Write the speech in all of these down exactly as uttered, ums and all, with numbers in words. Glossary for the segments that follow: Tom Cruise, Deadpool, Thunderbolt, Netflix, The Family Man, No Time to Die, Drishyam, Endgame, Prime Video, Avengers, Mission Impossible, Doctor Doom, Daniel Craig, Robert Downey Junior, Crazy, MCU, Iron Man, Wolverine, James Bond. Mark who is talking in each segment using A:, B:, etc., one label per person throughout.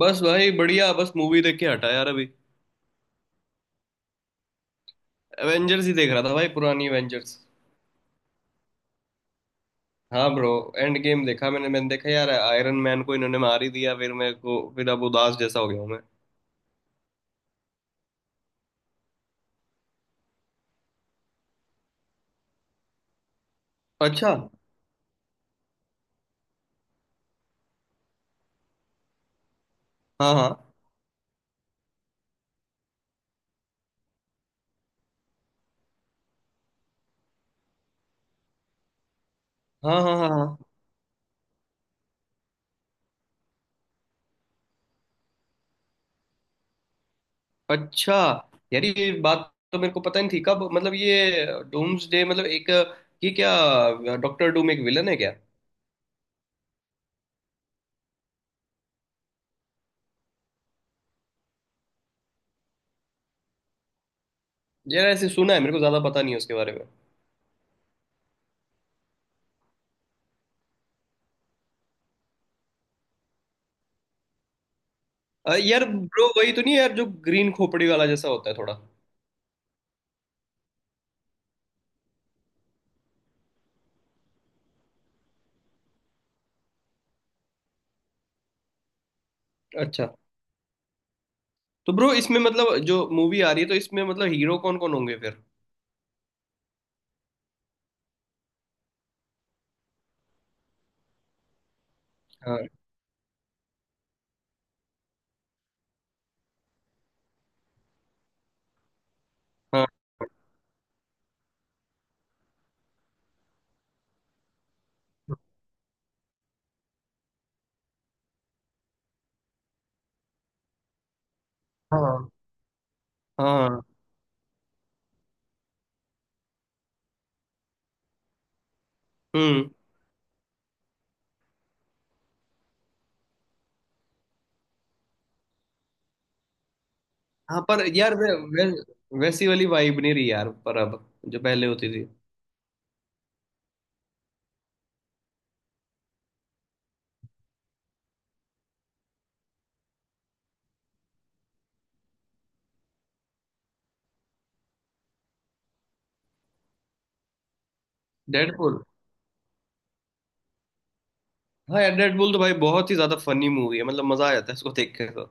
A: बस भाई बढ़िया। बस मूवी देख के हटा यार अभी। एवेंजर्स ही देख रहा था भाई, पुरानी एवेंजर्स। हाँ ब्रो, एंड गेम देखा। मैंने मैंने देखा यार। आयरन मैन को इन्होंने मार ही दिया फिर, मेरे को फिर अब उदास जैसा हो गया हूँ मैं। अच्छा। हाँ हाँ हाँ हाँ। हाँ हाँ। अच्छा, यार ये बात तो मेरे को पता नहीं थी। कब मतलब ये डूम्सडे मतलब एक, ये क्या डॉक्टर डूम एक विलन है क्या? यार ऐसे सुना है, मेरे को ज्यादा पता नहीं है उसके बारे में। अ, यार ब्रो वही तो नहीं है यार, जो ग्रीन खोपड़ी वाला जैसा होता है थोड़ा? अच्छा। तो ब्रो इसमें मतलब जो मूवी आ रही है, तो इसमें मतलब हीरो कौन कौन होंगे फिर? हाँ। हाँ। हाँ हाँ। हम्म। हाँ पर यार वै, वै, वैसी वाली वाइब नहीं रही यार पर अब, जो पहले होती थी। डेडपुल। हाँ यार डेडपुल तो भाई बहुत ही ज्यादा फनी मूवी है, मतलब मजा आ जाता है इसको देख के तो।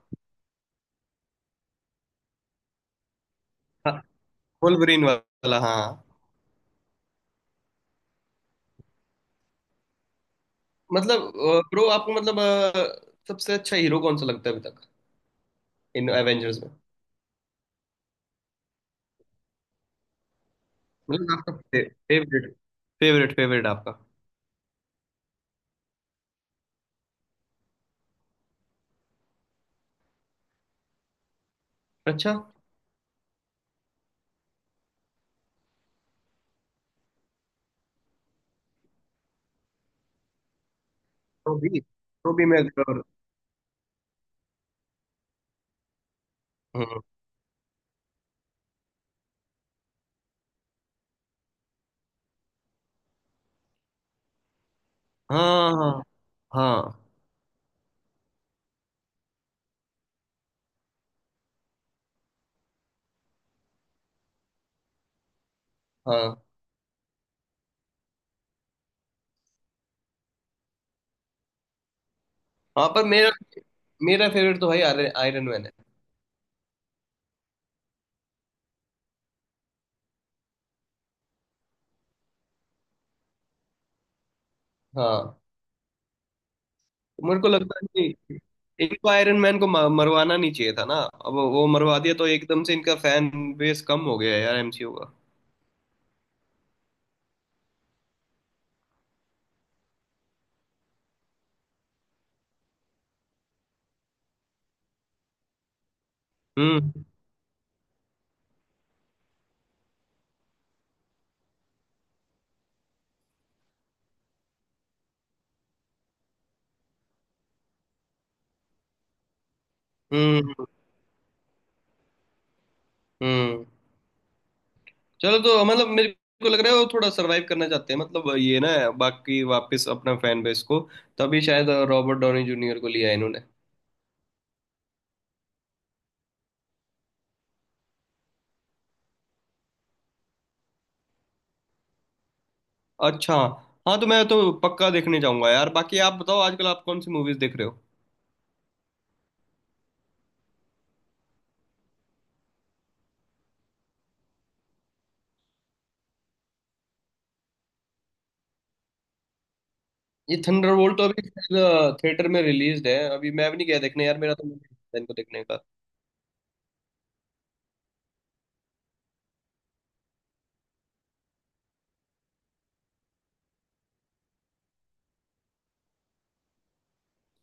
A: हाँ वोल्वरिन वाला, हाँ। मतलब ब्रो आपको मतलब अ, सबसे अच्छा हीरो कौन सा लगता है अभी तक, इन एवेंजर्स में? मतलब आपका फेवरेट। फेवरेट फेवरेट आपका। अच्छा। तो भी तो भी मैं। हम्म। हाँ हाँ हाँ हाँ। हाँ पर मेरा, मेरा फेवरेट तो भाई आयरन मैन है। हाँ। मेरे को लगता है कि इनको आयरन मैन को म- मरवाना नहीं चाहिए था ना। अब वो मरवा दिया तो एकदम से इनका फैन बेस कम हो गया है यार एमसीयू का। हम्म। हम्म। हम्म। चलो, तो मतलब मेरे को लग रहा है वो थोड़ा सरवाइव करना चाहते हैं, मतलब ये ना, बाकी वापस अपना फैन बेस को। तभी शायद रॉबर्ट डॉनी जूनियर को लिया है इन्होंने। अच्छा। हाँ तो मैं तो पक्का देखने जाऊंगा यार। बाकी आप बताओ आजकल आप कौन सी मूवीज देख रहे हो? ये थंडरबोल्ट तो अभी थिएटर में रिलीज है। अभी मैं भी नहीं गया देखने यार, मेरा तो मन नहीं था इनको देखने का।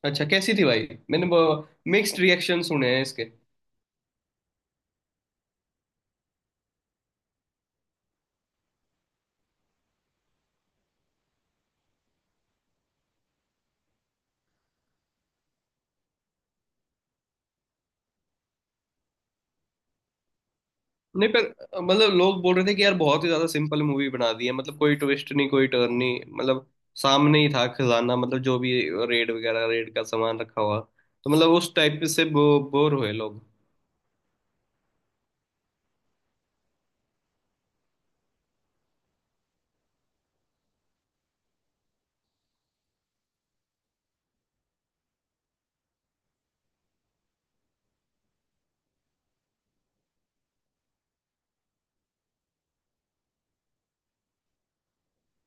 A: अच्छा कैसी थी भाई? मैंने मिक्स्ड रिएक्शन सुने हैं इसके। नहीं पर अ, मतलब लोग बोल रहे थे कि यार बहुत ही ज्यादा सिंपल मूवी बना दी है, मतलब कोई ट्विस्ट नहीं कोई टर्न नहीं, मतलब सामने ही था खजाना, मतलब जो भी रेड वगैरह रेड का सामान रखा हुआ। तो मतलब उस टाइप से बो, बोर हुए लोग।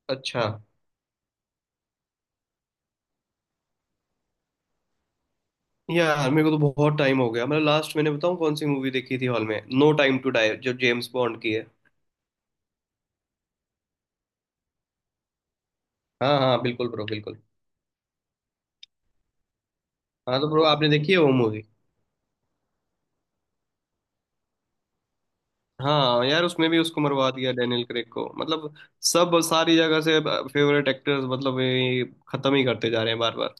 A: अच्छा। यार मेरे को तो बहुत टाइम हो गया। मतलब लास्ट मैंने बताऊं, कौन सी मूवी देखी थी हॉल में, नो टाइम टू डाई जो जेम्स बॉन्ड की है। हाँ हाँ बिल्कुल ब्रो, बिल्कुल। हाँ तो ब्रो आपने देखी है वो मूवी? हाँ यार उसमें भी उसको मरवा दिया, डेनियल क्रेग को, मतलब सब सारी जगह से फेवरेट एक्टर्स मतलब ये खत्म ही करते जा रहे हैं बार बार।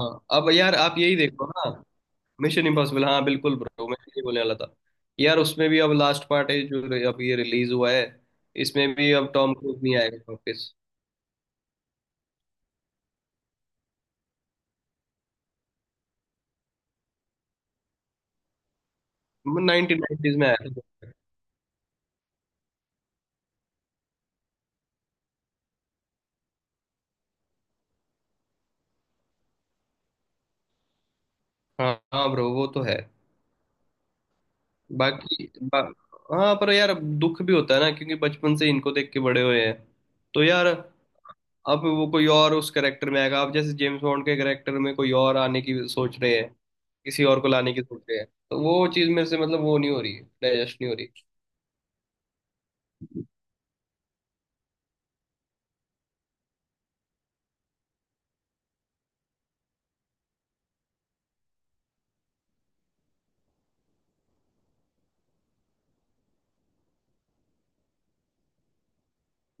A: हाँ, अब यार आप यही देखो ना। मिशन इम्पॉसिबल, हाँ बिल्कुल ब्रो, मैं यही बोलने वाला था। यार उसमें भी अब लास्ट पार्ट है जो रे- अब ये रिलीज हुआ है। इसमें भी अब टॉम क्रूज नहीं आएगा वापस। नाइनटीन नाइनटीज में आया था। हाँ हाँ ब्रो वो तो है। बाकी बा, हाँ पर यार अब दुख भी होता है ना, क्योंकि बचपन से इनको देख के बड़े हुए हैं तो यार। अब वो कोई और उस करेक्टर में आएगा। अब जैसे जेम्स बॉन्ड के करेक्टर में कोई और आने की सोच रहे हैं, किसी और को लाने की सोच रहे हैं, तो वो चीज मेरे से मतलब वो नहीं हो रही है, डाइजेस्ट नहीं हो रही।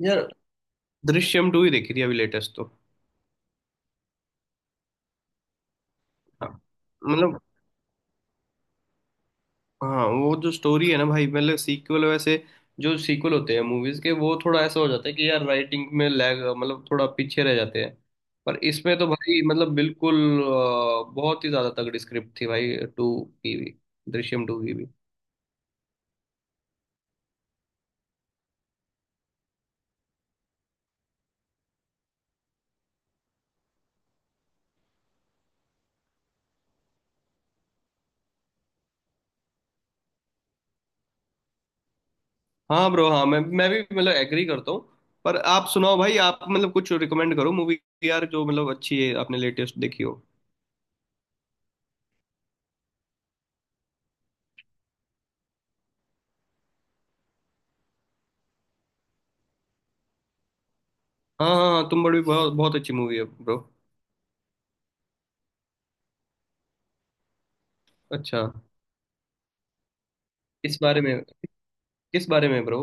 A: यार दृश्यम टू ही देखी थी अभी लेटेस्ट तो। हाँ मतलब, हाँ वो जो स्टोरी है ना भाई, मतलब सीक्वल वैसे, जो सीक्वल होते हैं मूवीज के वो थोड़ा ऐसा हो जाता है कि यार राइटिंग में लैग, मतलब थोड़ा पीछे रह जाते हैं। पर इसमें तो भाई मतलब बिल्कुल अ, बहुत ही ज्यादा तगड़ी स्क्रिप्ट थी भाई, टू की भी, दृश्यम टू की भी। हाँ ब्रो। हाँ मैं मैं भी मतलब एग्री करता हूँ। पर आप सुनाओ भाई, आप मतलब कुछ रिकमेंड करो मूवी यार, जो मतलब अच्छी है आपने लेटेस्ट देखी हो। हाँ हाँ हाँ, तुम बड़ी बहुत बहुत अच्छी मूवी है ब्रो। अच्छा किस बारे में? किस बारे में ब्रो?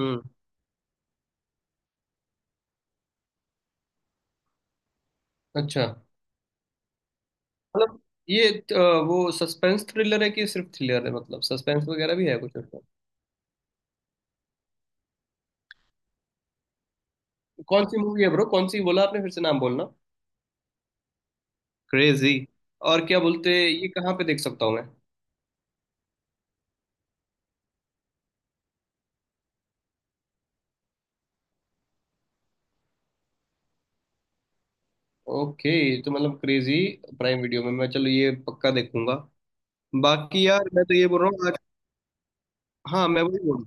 A: हम्म। अच्छा मतलब ये अ, वो सस्पेंस थ्रिलर है कि सिर्फ थ्रिलर है, मतलब सस्पेंस वगैरह भी है कुछ उसमें? कौन सी मूवी है ब्रो? कौन सी बोला आपने? फिर से नाम बोलना। क्रेजी। और क्या बोलते, ये कहाँ पे देख सकता हूँ मैं? ओके। तो मतलब क्रेजी, प्राइम वीडियो में। मैं चलो ये पक्का देखूंगा। बाकी यार मैं तो ये बोल रहा हूँ आज, हाँ मैं वही बोल,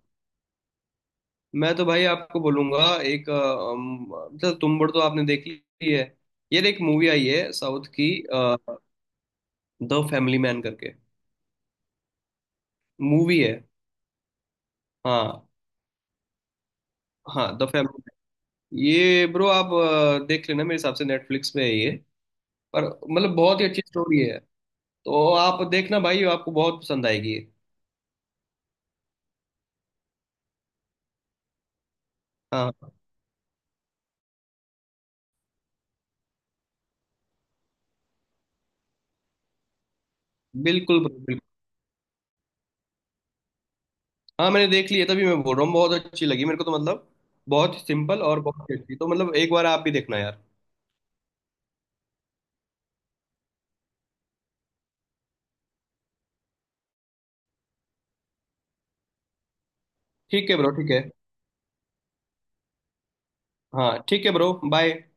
A: मैं तो भाई आपको बोलूंगा एक, अ, अम, चल तुम बड़ तो आपने देख ली है। यार एक मूवी आई है साउथ की, द फैमिली मैन करके मूवी है। हाँ हाँ द फैमिली मैन। ये ब्रो आप अ, देख लेना। मेरे हिसाब से नेटफ्लिक्स पे है ये, पर मतलब बहुत ही अच्छी स्टोरी है, तो आप देखना भाई, आपको बहुत पसंद आएगी ये। हाँ बिल्कुल bro। हाँ मैंने देख ली है, तभी मैं बोल रहा हूँ बहुत अच्छी लगी मेरे को तो। मतलब बहुत सिंपल और बहुत अच्छी, तो मतलब एक बार आप भी देखना यार। ठीक है ब्रो, ठीक है। हाँ ठीक है ब्रो, बाय।